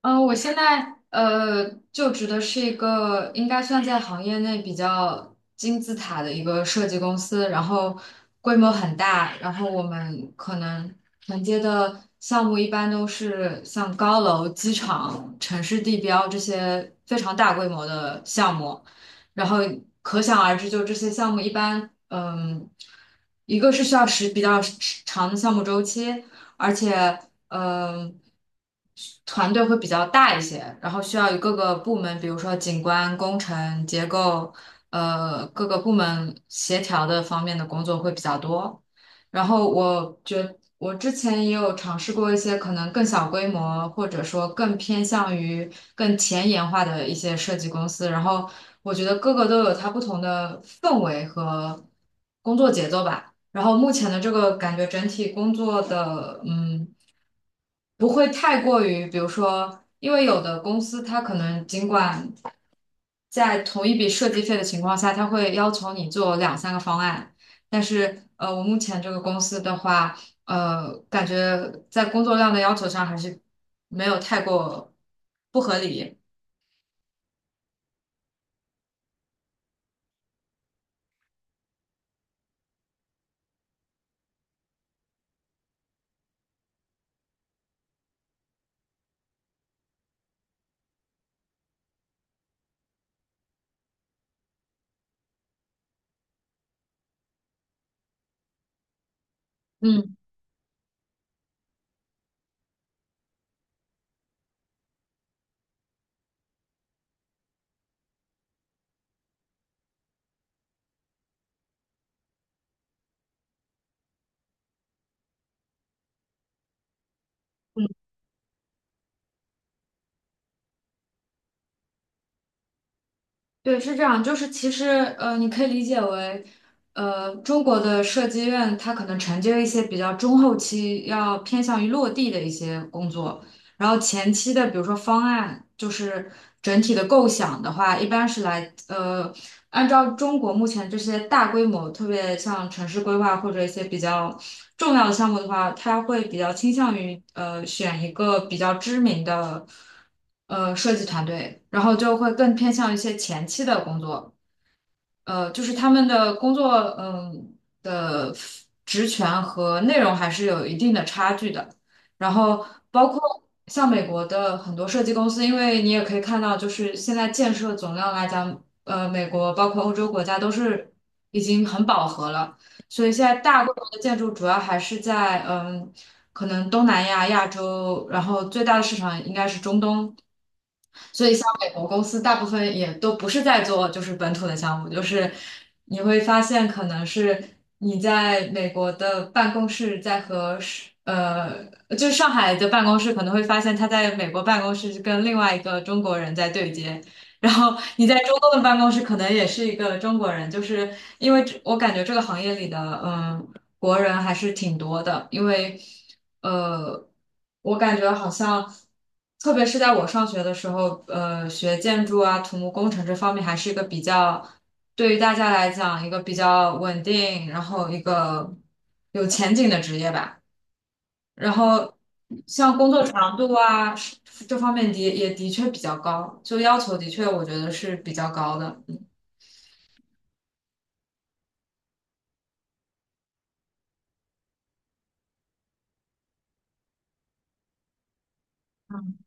我现在就职的是一个应该算在行业内比较金字塔的一个设计公司，然后规模很大，然后我们可能承接的项目一般都是像高楼、机场、城市地标这些非常大规模的项目，然后可想而知，就这些项目一般，一个是需要比较时长的项目周期。而且呃，团队会比较大一些，然后需要与各个部门，比如说景观、工程、结构，各个部门协调的方面的工作会比较多。然后我之前也有尝试过一些可能更小规模，或者说更偏向于更前沿化的一些设计公司，然后我觉得各个都有它不同的氛围和工作节奏吧。然后目前的这个感觉整体工作的，不会太过于，比如说，因为有的公司它可能尽管在同一笔设计费的情况下，它会要求你做两三个方案，但是我目前这个公司的话，感觉在工作量的要求上还是没有太过不合理。嗯。对，是这样，就是其实你可以理解为，中国的设计院它可能承接一些比较中后期要偏向于落地的一些工作，然后前期的比如说方案，就是整体的构想的话，一般是按照中国目前这些大规模，特别像城市规划或者一些比较重要的项目的话，他会比较倾向于选一个比较知名的设计团队，然后就会更偏向一些前期的工作。就是他们的工作，嗯的职权和内容还是有一定的差距的。然后包括像美国的很多设计公司，因为你也可以看到，就是现在建设总量来讲，美国包括欧洲国家都是已经很饱和了，所以现在大规模的建筑主要还是在可能东南亚、亚洲，然后最大的市场应该是中东。所以像美国公司大部分也都不是在做就是本土的项目，就是你会发现可能是你在美国的办公室在和是呃，就是上海的办公室可能会发现他在美国办公室是跟另外一个中国人在对接。然后你在中东的办公室可能也是一个中国人，就是因为这我感觉这个行业里的，嗯、国人还是挺多的，因为呃，我感觉好像，特别是在我上学的时候，学建筑啊、土木工程这方面还是一个比较，对于大家来讲一个比较稳定，然后一个有前景的职业吧。然后像工作强度啊是这方面的也的确比较高，就要求的确我觉得是比较高的。嗯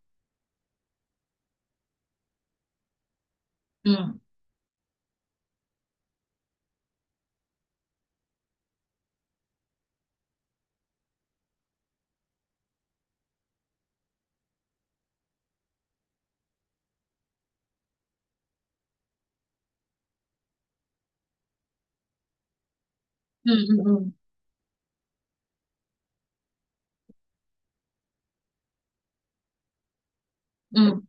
嗯嗯嗯嗯，嗯，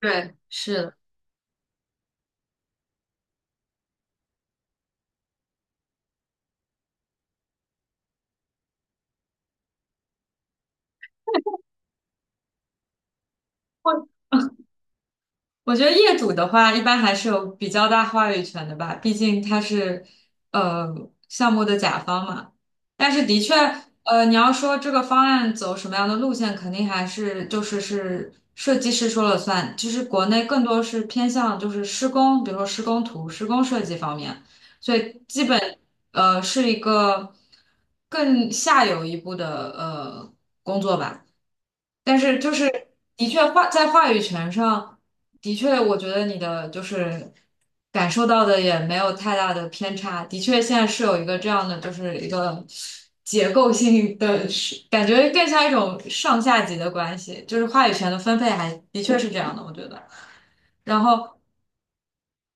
对，是的。我觉得业主的话，一般还是有比较大话语权的吧，毕竟他是呃项目的甲方嘛。但是的确，你要说这个方案走什么样的路线，肯定还是就是是设计师说了算。其实国内更多是偏向就是施工，比如说施工图、施工设计方面，所以基本是一个更下游一步的工作吧。但是就是的确在话语权上，的确我觉得你的就是感受到的也没有太大的偏差。的确，现在是有一个这样的，就是一个结构性的，是感觉更像一种上下级的关系，就是话语权的分配还的确是这样的，我觉得。然后。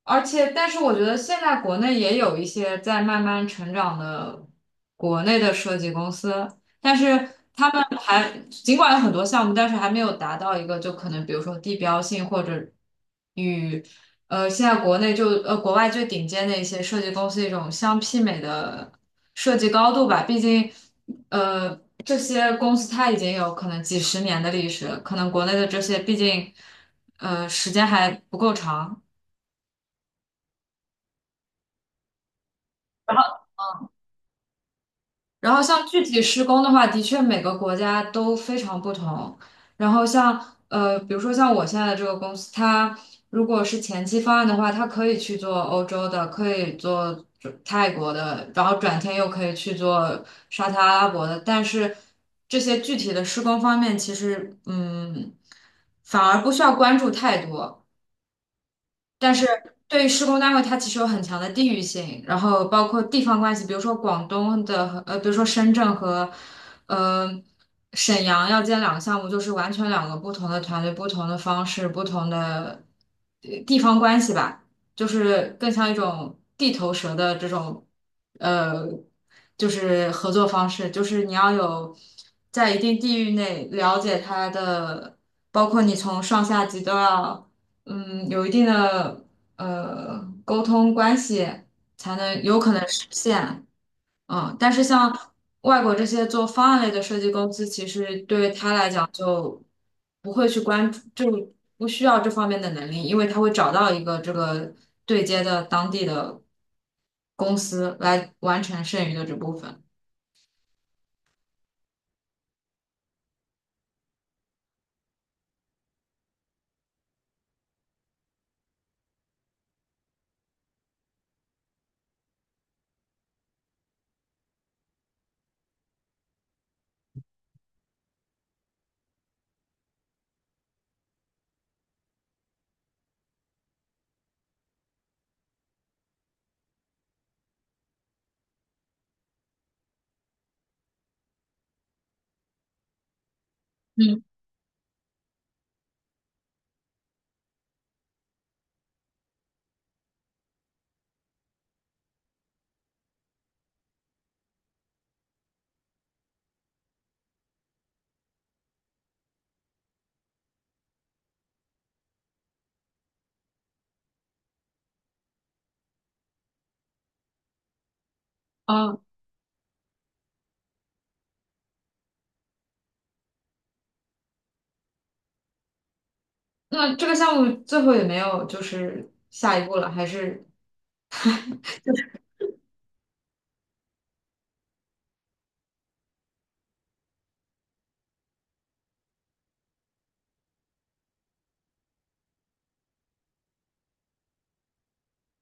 而且，但是我觉得现在国内也有一些在慢慢成长的国内的设计公司，但是他们还尽管有很多项目，但是还没有达到一个就可能比如说地标性或者与现在国内就国外最顶尖的一些设计公司一种相媲美的设计高度吧。毕竟呃这些公司它已经有可能几十年的历史，可能国内的这些毕竟时间还不够长。然后像具体施工的话，的确每个国家都非常不同。然后像比如说像我现在的这个公司，它如果是前期方案的话，它可以去做欧洲的，可以做泰国的，然后转天又可以去做沙特阿拉伯的。但是这些具体的施工方面，其实反而不需要关注太多。但是对于施工单位，它其实有很强的地域性，然后包括地方关系，比如说广东的和比如说深圳和呃沈阳要建两个项目，就是完全两个不同的团队、不同的方式、不同的地方关系吧，就是更像一种地头蛇的这种呃，就是合作方式，就是你要有在一定地域内了解它的，包括你从上下级都要。有一定的沟通关系，才能有可能实现。但是像外国这些做方案类的设计公司，其实对于他来讲就不会去关注，就不需要这方面的能力，因为他会找到一个这个对接的当地的公司来完成剩余的这部分。嗯，哦，那这个项目最后也没有就是下一步了，还是，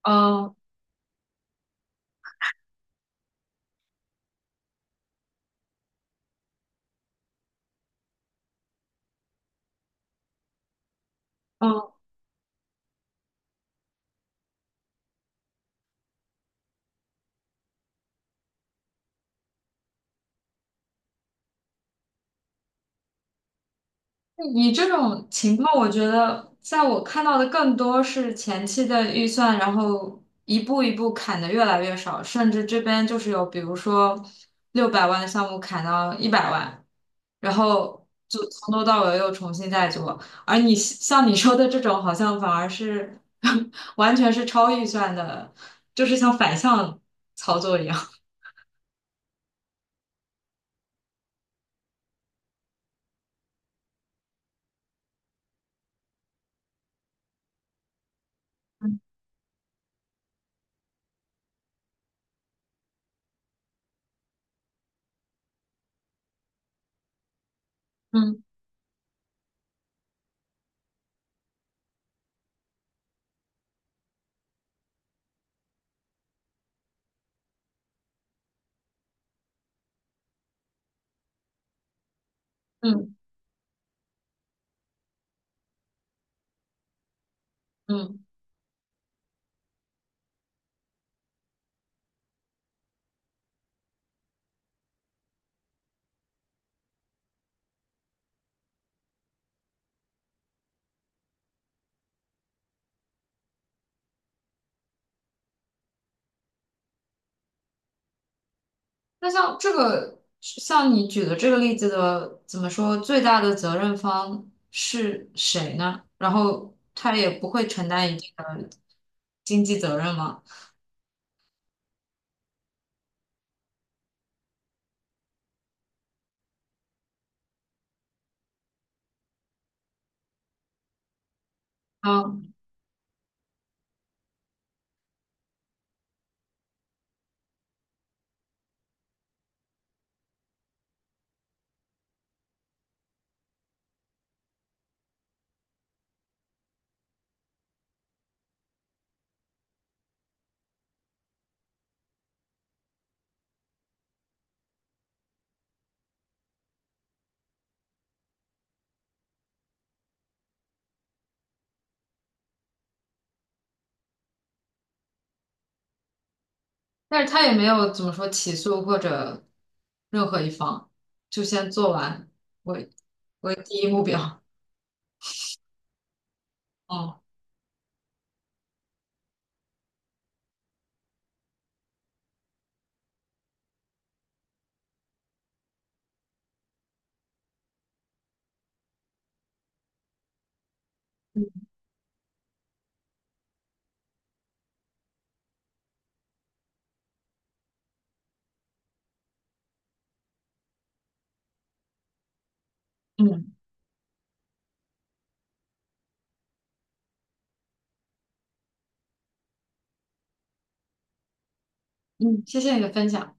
嗯嗯。你这种情况，我觉得在我看到的更多是前期的预算，然后一步一步砍的越来越少，甚至这边就是有，比如说600万的项目砍到100万，然后就从头到尾又重新再做。而你像你说的这种，好像反而是 完全是超预算的，就是像反向操作一样。嗯嗯嗯。那像这个，像你举的这个例子的，怎么说，最大的责任方是谁呢？然后他也不会承担一定的经济责任吗？嗯，但是他也没有怎么说起诉或者任何一方，就先做完为为第一目标。哦，嗯嗯嗯，谢谢你的分享。